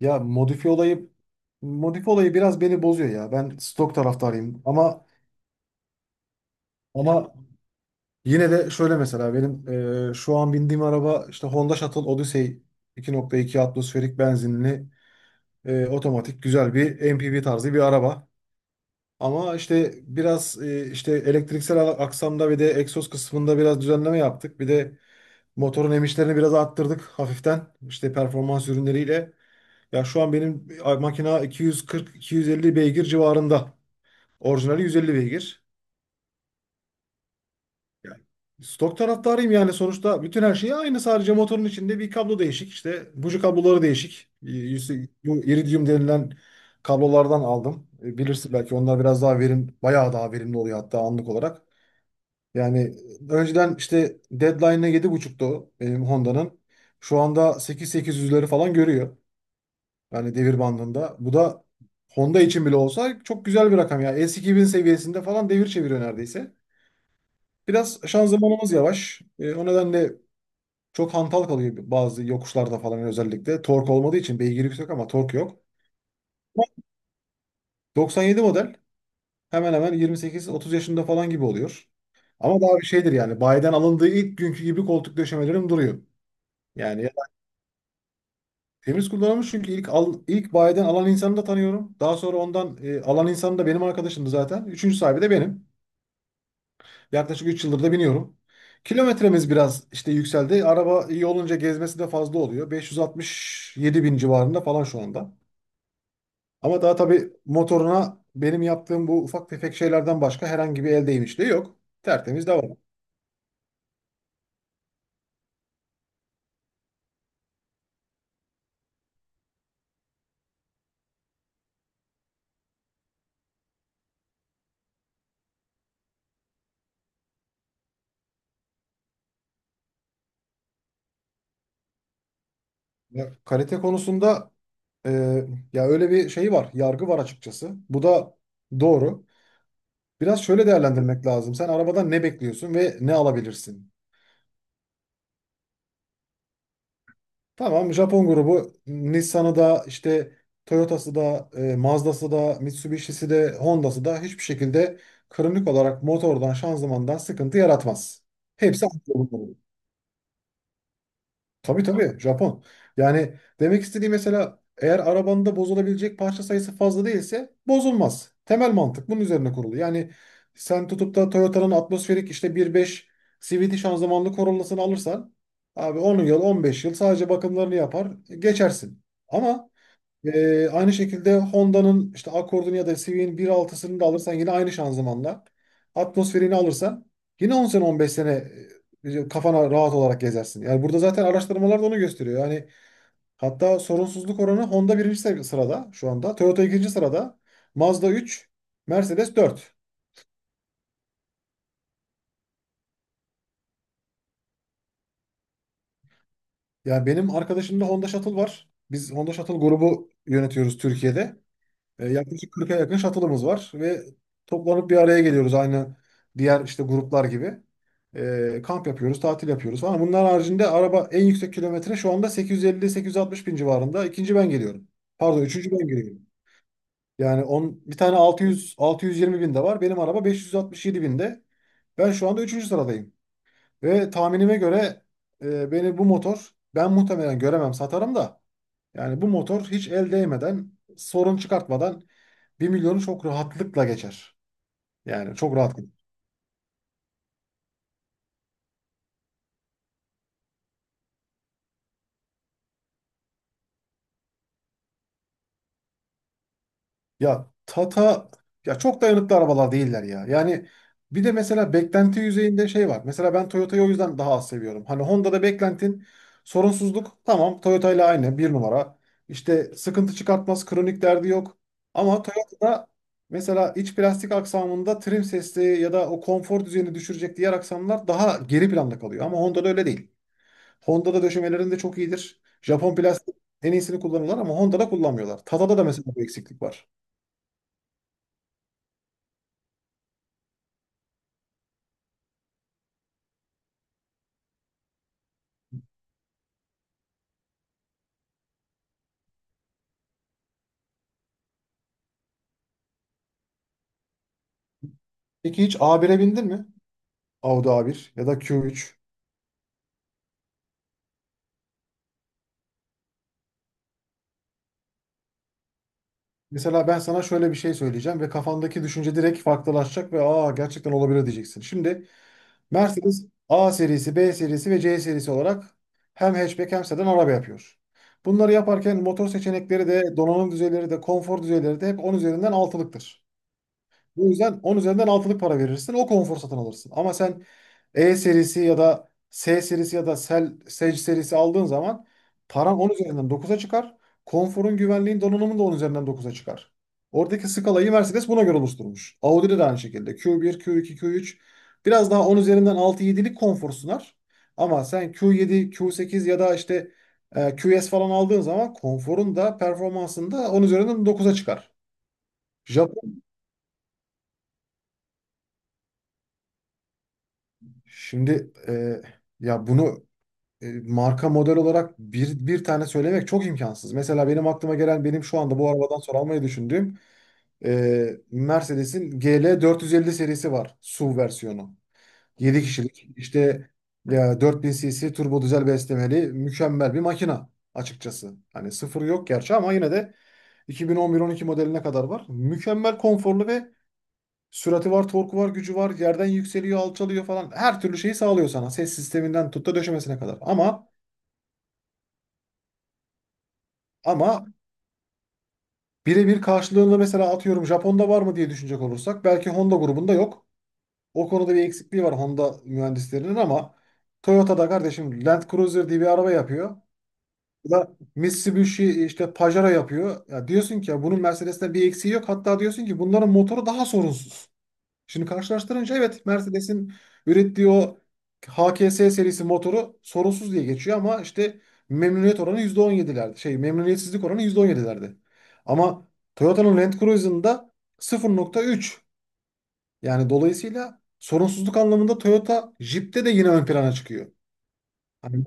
Ya modifi olayı biraz beni bozuyor ya. Ben stok taraftarıyım ama yine de şöyle mesela benim şu an bindiğim araba işte Honda Shuttle Odyssey 2.2 atmosferik benzinli, otomatik güzel bir MPV tarzı bir araba. Ama işte biraz işte elektriksel aksamda ve de egzoz kısmında biraz düzenleme yaptık. Bir de motorun emişlerini biraz arttırdık hafiften, işte performans ürünleriyle. Ya şu an benim makina 240-250 beygir civarında. Orijinali 150 beygir. Yani stok taraftarıyım, yani sonuçta bütün her şey aynı, sadece motorun içinde bir kablo değişik. İşte buji kabloları değişik. Bu iridium denilen kablolardan aldım. Bilirsin belki, onlar biraz daha verim, bayağı daha verimli oluyor hatta anlık olarak. Yani önceden işte deadline'ı 7.5'tu o benim Honda'nın. Şu anda 8.800'leri falan görüyor. Yani devir bandında. Bu da Honda için bile olsa çok güzel bir rakam ya. S2000 seviyesinde falan devir çeviriyor neredeyse. Biraz şanzımanımız yavaş. O nedenle çok hantal kalıyor bazı yokuşlarda falan, özellikle. Tork olmadığı için beygir yüksek ama tork yok. 97 model, hemen hemen 28-30 yaşında falan gibi oluyor. Ama daha bir şeydir yani, bayiden alındığı ilk günkü gibi koltuk döşemelerim duruyor. Yani ya- Temiz kullanılmış, çünkü ilk bayiden alan insanı da tanıyorum. Daha sonra ondan alan insan da benim arkadaşımdı zaten. Üçüncü sahibi de benim. Yaklaşık 3 yıldır da biniyorum. Kilometremiz biraz işte yükseldi. Araba iyi olunca gezmesi de fazla oluyor. 567 bin civarında falan şu anda. Ama daha tabii motoruna benim yaptığım bu ufak tefek şeylerden başka herhangi bir el değmişliği yok. Tertemiz devam. Ya, kalite konusunda e, ya öyle bir şey var. Yargı var açıkçası. Bu da doğru. Biraz şöyle değerlendirmek lazım. Sen arabadan ne bekliyorsun ve ne alabilirsin? Tamam, Japon grubu Nissan'ı da işte Toyota'sı da Mazda'sı da Mitsubishi'si de Honda'sı da hiçbir şekilde kronik olarak motordan şanzımandan sıkıntı yaratmaz. Hepsi aynı grubu. Tabii tabii, Japon. Yani demek istediği, mesela eğer arabanda bozulabilecek parça sayısı fazla değilse bozulmaz. Temel mantık bunun üzerine kurulu. Yani sen tutup da Toyota'nın atmosferik işte 1.5 CVT şanzımanlı Corolla'sını alırsan abi, 10 yıl 15 yıl sadece bakımlarını yapar geçersin. Ama aynı şekilde Honda'nın işte Accord'unu ya da C V'nin bir altısını da alırsan, yine aynı şanzımanla. Atmosferini alırsan yine 10 sene 15 sene, kafana rahat olarak gezersin. Yani burada zaten araştırmalar da onu gösteriyor. Yani hatta sorunsuzluk oranı Honda birinci sırada şu anda. Toyota ikinci sırada. Mazda 3, Mercedes 4. Yani benim arkadaşımda Honda Shuttle var. Biz Honda Shuttle grubu yönetiyoruz Türkiye'de. Yaklaşık 40'a yakın shuttle'ımız var ve toplanıp bir araya geliyoruz, aynı diğer işte gruplar gibi. Kamp yapıyoruz, tatil yapıyoruz falan. Bunlar haricinde araba en yüksek kilometre şu anda 850-860 bin civarında. İkinci ben geliyorum. Pardon, üçüncü ben geliyorum. Yani bir tane 600 620 bin de var. Benim araba 567 binde. Ben şu anda üçüncü sıradayım. Ve tahminime göre beni bu motor, ben muhtemelen göremem, satarım da. Yani bu motor hiç el değmeden, sorun çıkartmadan bir milyonu çok rahatlıkla geçer. Yani çok rahat geçer. Ya Tata, ya çok dayanıklı arabalar değiller ya. Yani bir de mesela beklenti yüzeyinde şey var. Mesela ben Toyota'yı o yüzden daha az seviyorum. Hani Honda'da beklentin sorunsuzluk, tamam, Toyota ile aynı, bir numara. İşte sıkıntı çıkartmaz, kronik derdi yok. Ama Toyota'da mesela iç plastik aksamında trim sesli ya da o konfor düzeyini düşürecek diğer aksamlar daha geri planda kalıyor. Ama Honda'da öyle değil. Honda'da döşemelerinde çok iyidir. Japon plastik en iyisini kullanırlar ama Honda'da kullanmıyorlar. Tada'da da mesela bu eksiklik var. Peki hiç A1'e bindin mi? Audi A1 ya da Q3. Mesela ben sana şöyle bir şey söyleyeceğim ve kafandaki düşünce direkt farklılaşacak ve, aa, gerçekten olabilir diyeceksin. Şimdi Mercedes A serisi, B serisi ve C serisi olarak hem hatchback hem sedan araba yapıyor. Bunları yaparken motor seçenekleri de, donanım düzeyleri de, konfor düzeyleri de hep 10 üzerinden altılıktır. Bu yüzden 10 üzerinden altılık para verirsin, o konfor satın alırsın. Ama sen E serisi ya da S serisi ya da Sage serisi aldığın zaman paran 10 üzerinden dokuza çıkar. Konforun, güvenliğin, donanımın da 10 üzerinden dokuza çıkar. Oradaki skalayı Mercedes buna göre oluşturmuş. Audi'de de aynı şekilde. Q1, Q2, Q3 biraz daha 10 üzerinden altı 7'lik konfor sunar. Ama sen Q7, Q8 ya da işte QS falan aldığın zaman konforun da performansın da 10 üzerinden dokuza çıkar. Japon. Şimdi ya bunu marka model olarak bir tane söylemek çok imkansız. Mesela benim aklıma gelen, benim şu anda bu arabadan sonra almayı düşündüğüm e, Mercedes'in GL450 serisi var. SUV versiyonu. 7 kişilik işte, ya 4000 cc turbo dizel beslemeli mükemmel bir makina açıkçası. Hani sıfır yok gerçi ama yine de 2011-12 modeline kadar var. Mükemmel konforlu ve sürati var, torku var, gücü var. Yerden yükseliyor, alçalıyor falan. Her türlü şeyi sağlıyor sana. Ses sisteminden tut da döşemesine kadar. Ama ama Birebir karşılığında mesela atıyorum, Japon'da var mı diye düşünecek olursak belki Honda grubunda yok. O konuda bir eksikliği var Honda mühendislerinin ama Toyota'da kardeşim, Land Cruiser diye bir araba yapıyor. Bu da Mitsubishi işte Pajero yapıyor. Ya diyorsun ki ya, bunun Mercedes'ten bir eksiği yok. Hatta diyorsun ki bunların motoru daha sorunsuz. Şimdi karşılaştırınca, evet, Mercedes'in ürettiği o HKS serisi motoru sorunsuz diye geçiyor ama işte memnuniyet oranı %17'lerde. Şey, memnuniyetsizlik oranı %17'lerde. Ama Toyota'nın Land Cruiser'ında 0.3. Yani dolayısıyla sorunsuzluk anlamında Toyota Jeep'te de yine ön plana çıkıyor. Hani,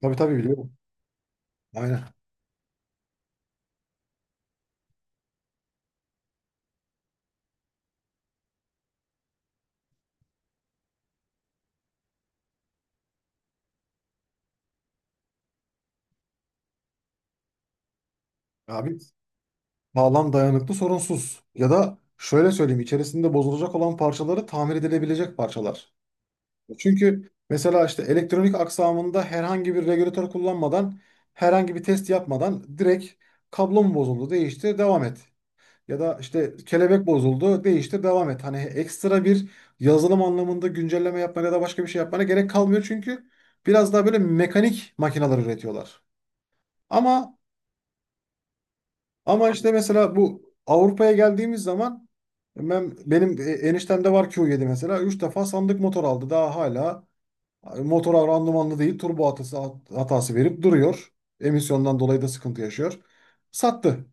tabii tabii, biliyorum. Aynen. Abi sağlam, dayanıklı, sorunsuz. Ya da şöyle söyleyeyim, içerisinde bozulacak olan parçaları tamir edilebilecek parçalar. Çünkü mesela işte elektronik aksamında herhangi bir regülatör kullanmadan, herhangi bir test yapmadan direkt kablo mu bozuldu, değiştir, devam et. Ya da işte kelebek bozuldu, değiştir, devam et. Hani ekstra bir yazılım anlamında güncelleme yapmana ya da başka bir şey yapmana gerek kalmıyor, çünkü biraz daha böyle mekanik makineler üretiyorlar. Ama ama işte mesela bu Avrupa'ya geldiğimiz zaman benim eniştemde var Q7, mesela 3 defa sandık motor aldı. Daha hala abi motora randımanlı değil, turbo hatası verip duruyor. Emisyondan dolayı da sıkıntı yaşıyor. Sattı.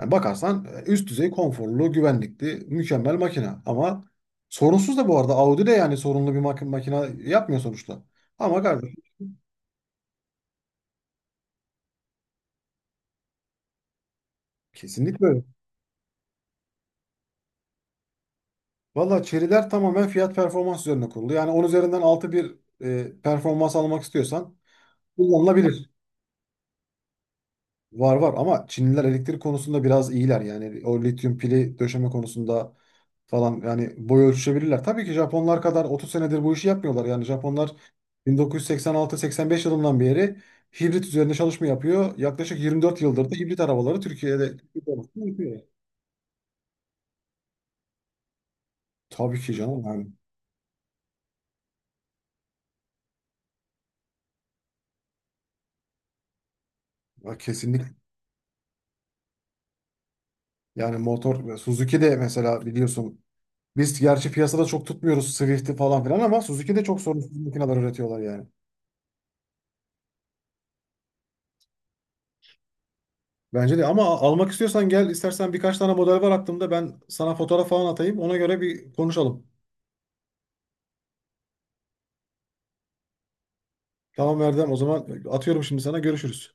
Yani bakarsan üst düzey konforlu, güvenlikli, mükemmel makine. Ama sorunsuz da bu arada Audi de, yani sorunlu bir makine yapmıyor sonuçta. Ama kardeşim kesinlikle öyle. Valla Chery'ler tamamen fiyat performans üzerine kurulu. Yani 10 üzerinden 6 bir performans almak istiyorsan kullanılabilir. Var var, ama Çinliler elektrik konusunda biraz iyiler. Yani o lityum pili döşeme konusunda falan, yani boy ölçüşebilirler. Tabii ki Japonlar kadar 30 senedir bu işi yapmıyorlar. Yani Japonlar 1986-85 yılından beri hibrit üzerinde çalışma yapıyor. Yaklaşık 24 yıldır da hibrit arabaları Türkiye'de yapıyor. Tabii ki canım, yani ya, kesinlikle. Yani motor Suzuki de mesela, biliyorsun biz gerçi piyasada çok tutmuyoruz Swift'i falan filan ama Suzuki de çok sorunsuz makineler üretiyorlar yani. Bence de. Ama almak istiyorsan gel, istersen birkaç tane model var aklımda, ben sana fotoğraf falan atayım, ona göre bir konuşalım. Tamam Erdem, o zaman atıyorum şimdi sana, görüşürüz.